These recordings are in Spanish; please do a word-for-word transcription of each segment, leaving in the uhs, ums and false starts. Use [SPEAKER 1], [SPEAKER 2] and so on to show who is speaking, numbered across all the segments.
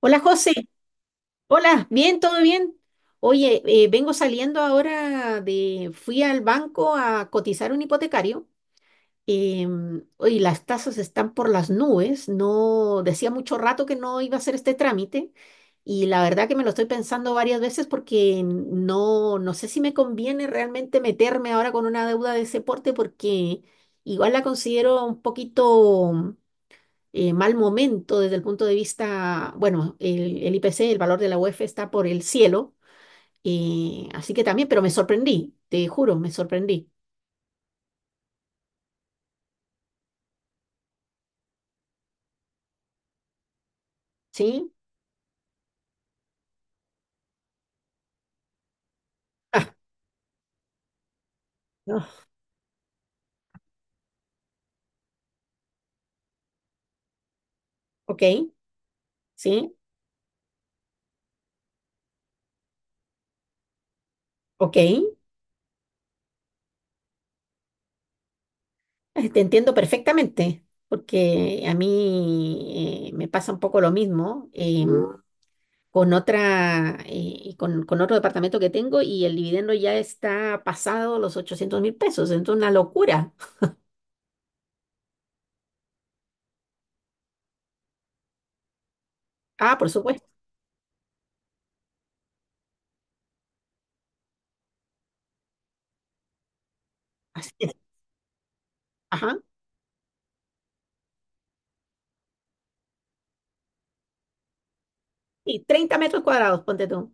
[SPEAKER 1] Hola José, hola, bien, todo bien. Oye, eh, vengo saliendo ahora de, fui al banco a cotizar un hipotecario. Em, oye, las tasas están por las nubes, no, decía mucho rato que no iba a hacer este trámite, y la verdad que me lo estoy pensando varias veces porque no, no sé si me conviene realmente meterme ahora con una deuda de ese porte, porque igual la considero un poquito eh, mal momento desde el punto de vista, bueno, el, el I P C, el valor de la U E F está por el cielo, eh, así que también, pero me sorprendí, te juro, me sorprendí. ¿Sí? Ah, no, ok, sí, ok, eh, te entiendo perfectamente, porque a mí eh, me pasa un poco lo mismo. em, Mm. Con otra, eh, con, con otro departamento que tengo y el dividendo ya está pasado los ochocientos mil pesos, entonces una locura. Ah, por supuesto. Así es. Ajá. Y treinta metros cuadrados, ponte tú.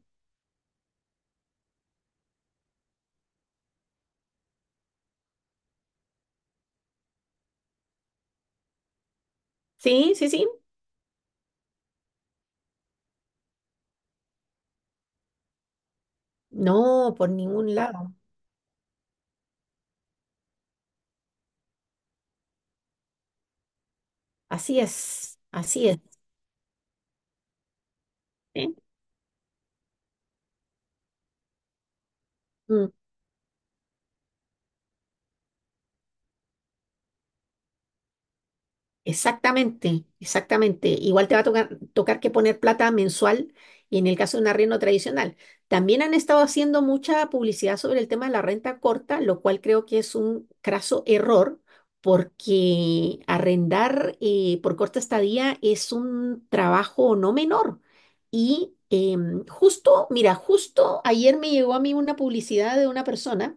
[SPEAKER 1] Sí, sí, sí. No, por ningún lado. Así es, así es. ¿Eh? Mm. Exactamente, exactamente. Igual te va a tocar, tocar que poner plata mensual y en el caso de un arriendo tradicional. También han estado haciendo mucha publicidad sobre el tema de la renta corta, lo cual creo que es un craso error porque arrendar eh, por corta estadía es un trabajo no menor. Y em, justo, mira, justo ayer me llegó a mí una publicidad de una persona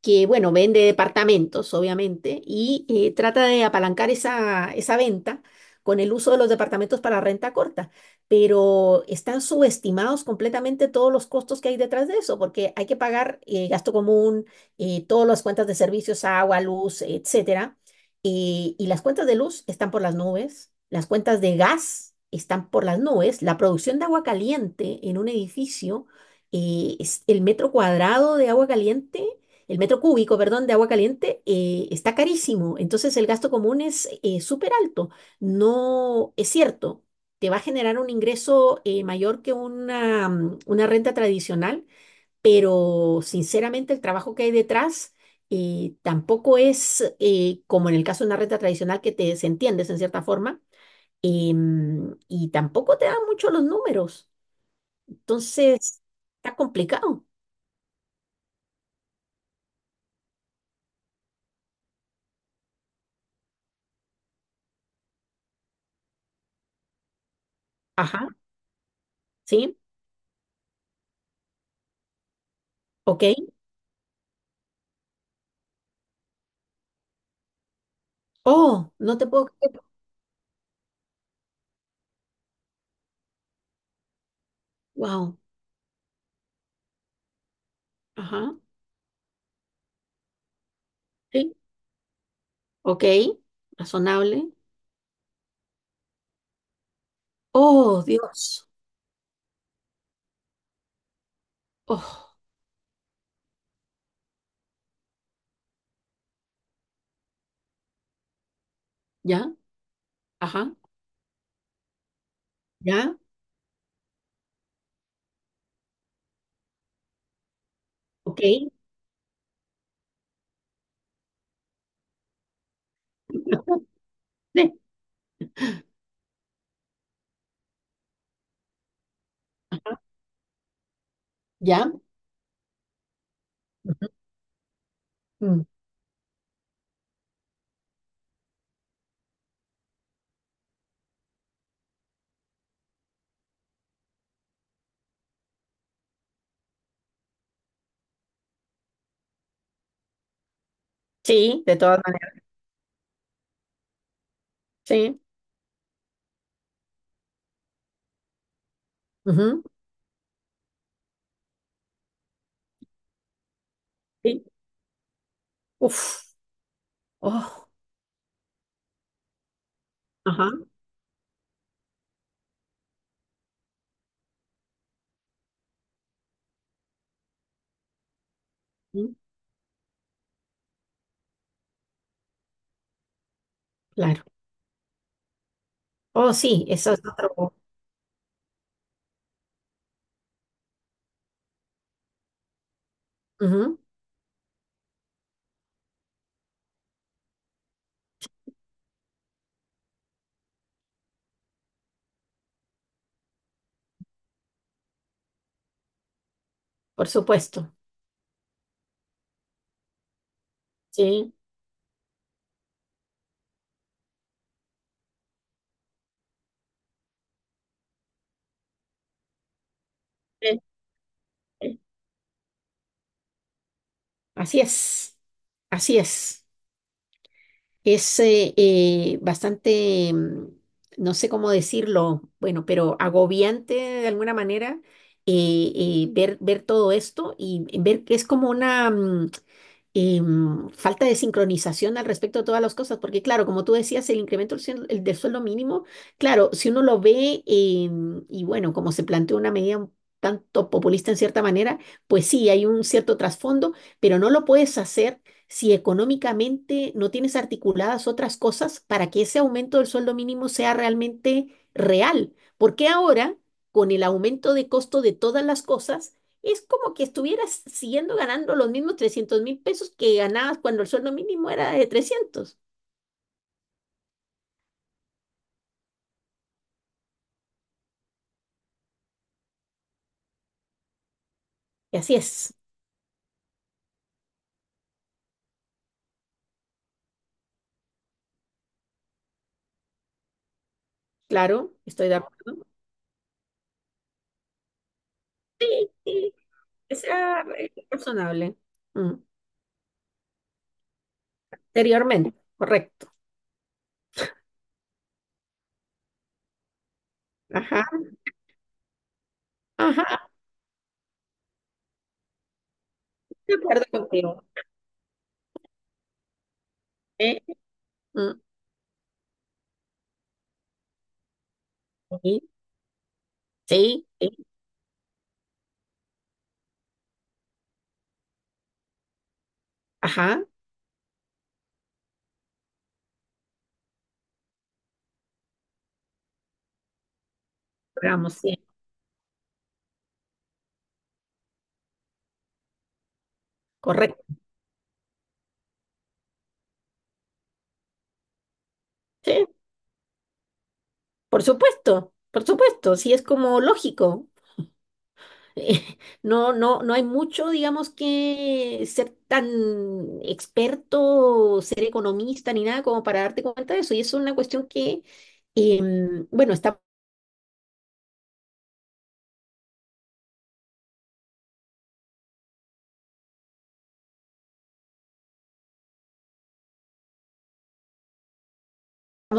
[SPEAKER 1] que, bueno, vende departamentos, obviamente, y eh, trata de apalancar esa, esa venta con el uso de los departamentos para renta corta, pero están subestimados completamente todos los costos que hay detrás de eso, porque hay que pagar eh, gasto común, eh, todas las cuentas de servicios, agua, luz, etcétera, eh, y las cuentas de luz están por las nubes, las cuentas de gas están por las nubes, la producción de agua caliente en un edificio eh, es- el metro cuadrado de agua caliente, el metro cúbico, perdón, de agua caliente eh, está carísimo. Entonces el gasto común es eh, súper alto. No es cierto, te va a generar un ingreso eh, mayor que una, mm, una renta tradicional, pero sinceramente el trabajo que hay detrás eh, tampoco es eh, como en el caso de una renta tradicional que te desentiendes en cierta forma, em, y tampoco te dan mucho los números. Entonces, está complicado. Ajá, ¿sí? Ok. Oh, no te puedo creer. Wow. Ajá. Sí. Ok. Razonable. Oh, Dios. Oh, ya. Ajá. Ya. Ok. Sí. Ya. Ujú. Mm. Sí, de todas maneras. Sí. Ujú. Sí. Uf. Oh. Ajá. Mm. Claro. Oh, sí, eso es otro. Ujú. Por supuesto. Sí. Sí, sí. Así es. Así es. Es eh, eh, bastante, mm, no sé cómo decirlo, bueno, pero agobiante de alguna manera, eh, eh, ver, ver todo esto y ver que es como una, mm, em, falta de sincronización al respecto de todas las cosas, porque claro, como tú decías, el incremento del, suel- el del sueldo mínimo, claro, si uno lo ve, em, y bueno, como se planteó una medida un tanto populista en cierta manera, pues sí, hay un cierto trasfondo, pero no lo puedes hacer si económicamente no tienes articuladas otras cosas para que ese aumento del sueldo mínimo sea realmente real. Porque ahora, con el aumento de costo de todas las cosas, es como que estuvieras siguiendo ganando los mismos trescientos mil pesos que ganabas cuando el sueldo mínimo era de trescientos. Y así es, claro, estoy de acuerdo. Sí, que sea eh, razonable. Mm. Anteriormente, correcto. Ajá, ajá, de acuerdo contigo. ¿Eh? Mm. Sí, sí, sí, ajá, vamos, sí, correcto. Sí, por supuesto, por supuesto, sí es como lógico. eh, No, no, no hay mucho, digamos, que ser tan experto, ser economista ni nada como para darte cuenta de eso. Y eso es una cuestión que, em, bueno, estamos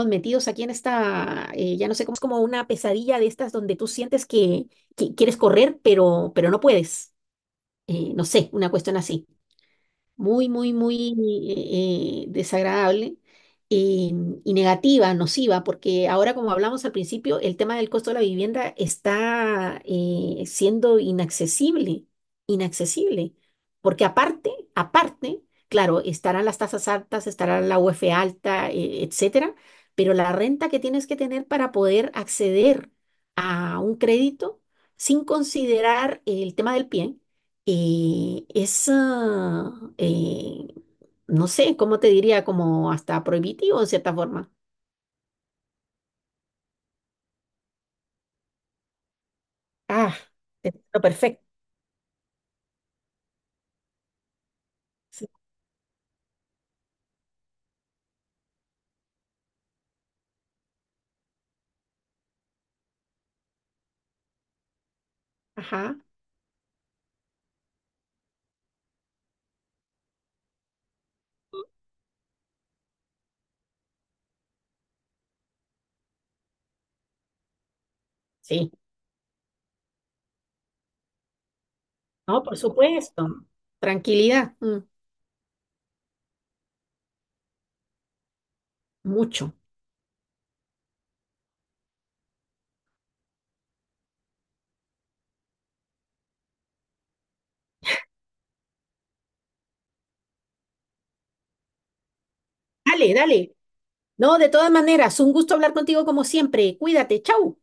[SPEAKER 1] metidos aquí en esta, eh, ya no sé cómo, es como una pesadilla de estas donde tú sientes que, que quieres correr, pero, pero no puedes. Eh, no sé, una cuestión así. Muy, muy, muy eh, eh, desagradable, eh, y negativa, nociva, porque ahora, como hablamos al principio, el tema del costo de la vivienda está eh, siendo inaccesible, inaccesible, porque aparte, aparte, claro, estarán las tasas altas, estará la U F alta, eh, etcétera, pero la renta que tienes que tener para poder acceder a un crédito sin considerar el tema del pie eh, es, ah, eh, no sé, ¿cómo te diría? Como hasta prohibitivo en cierta forma. Ah, te entiendo perfecto. Sí. Ajá, sí. No, por supuesto. Tranquilidad, mm, mucho. Dale, dale. No, de todas maneras, un gusto hablar contigo como siempre. Cuídate, chau.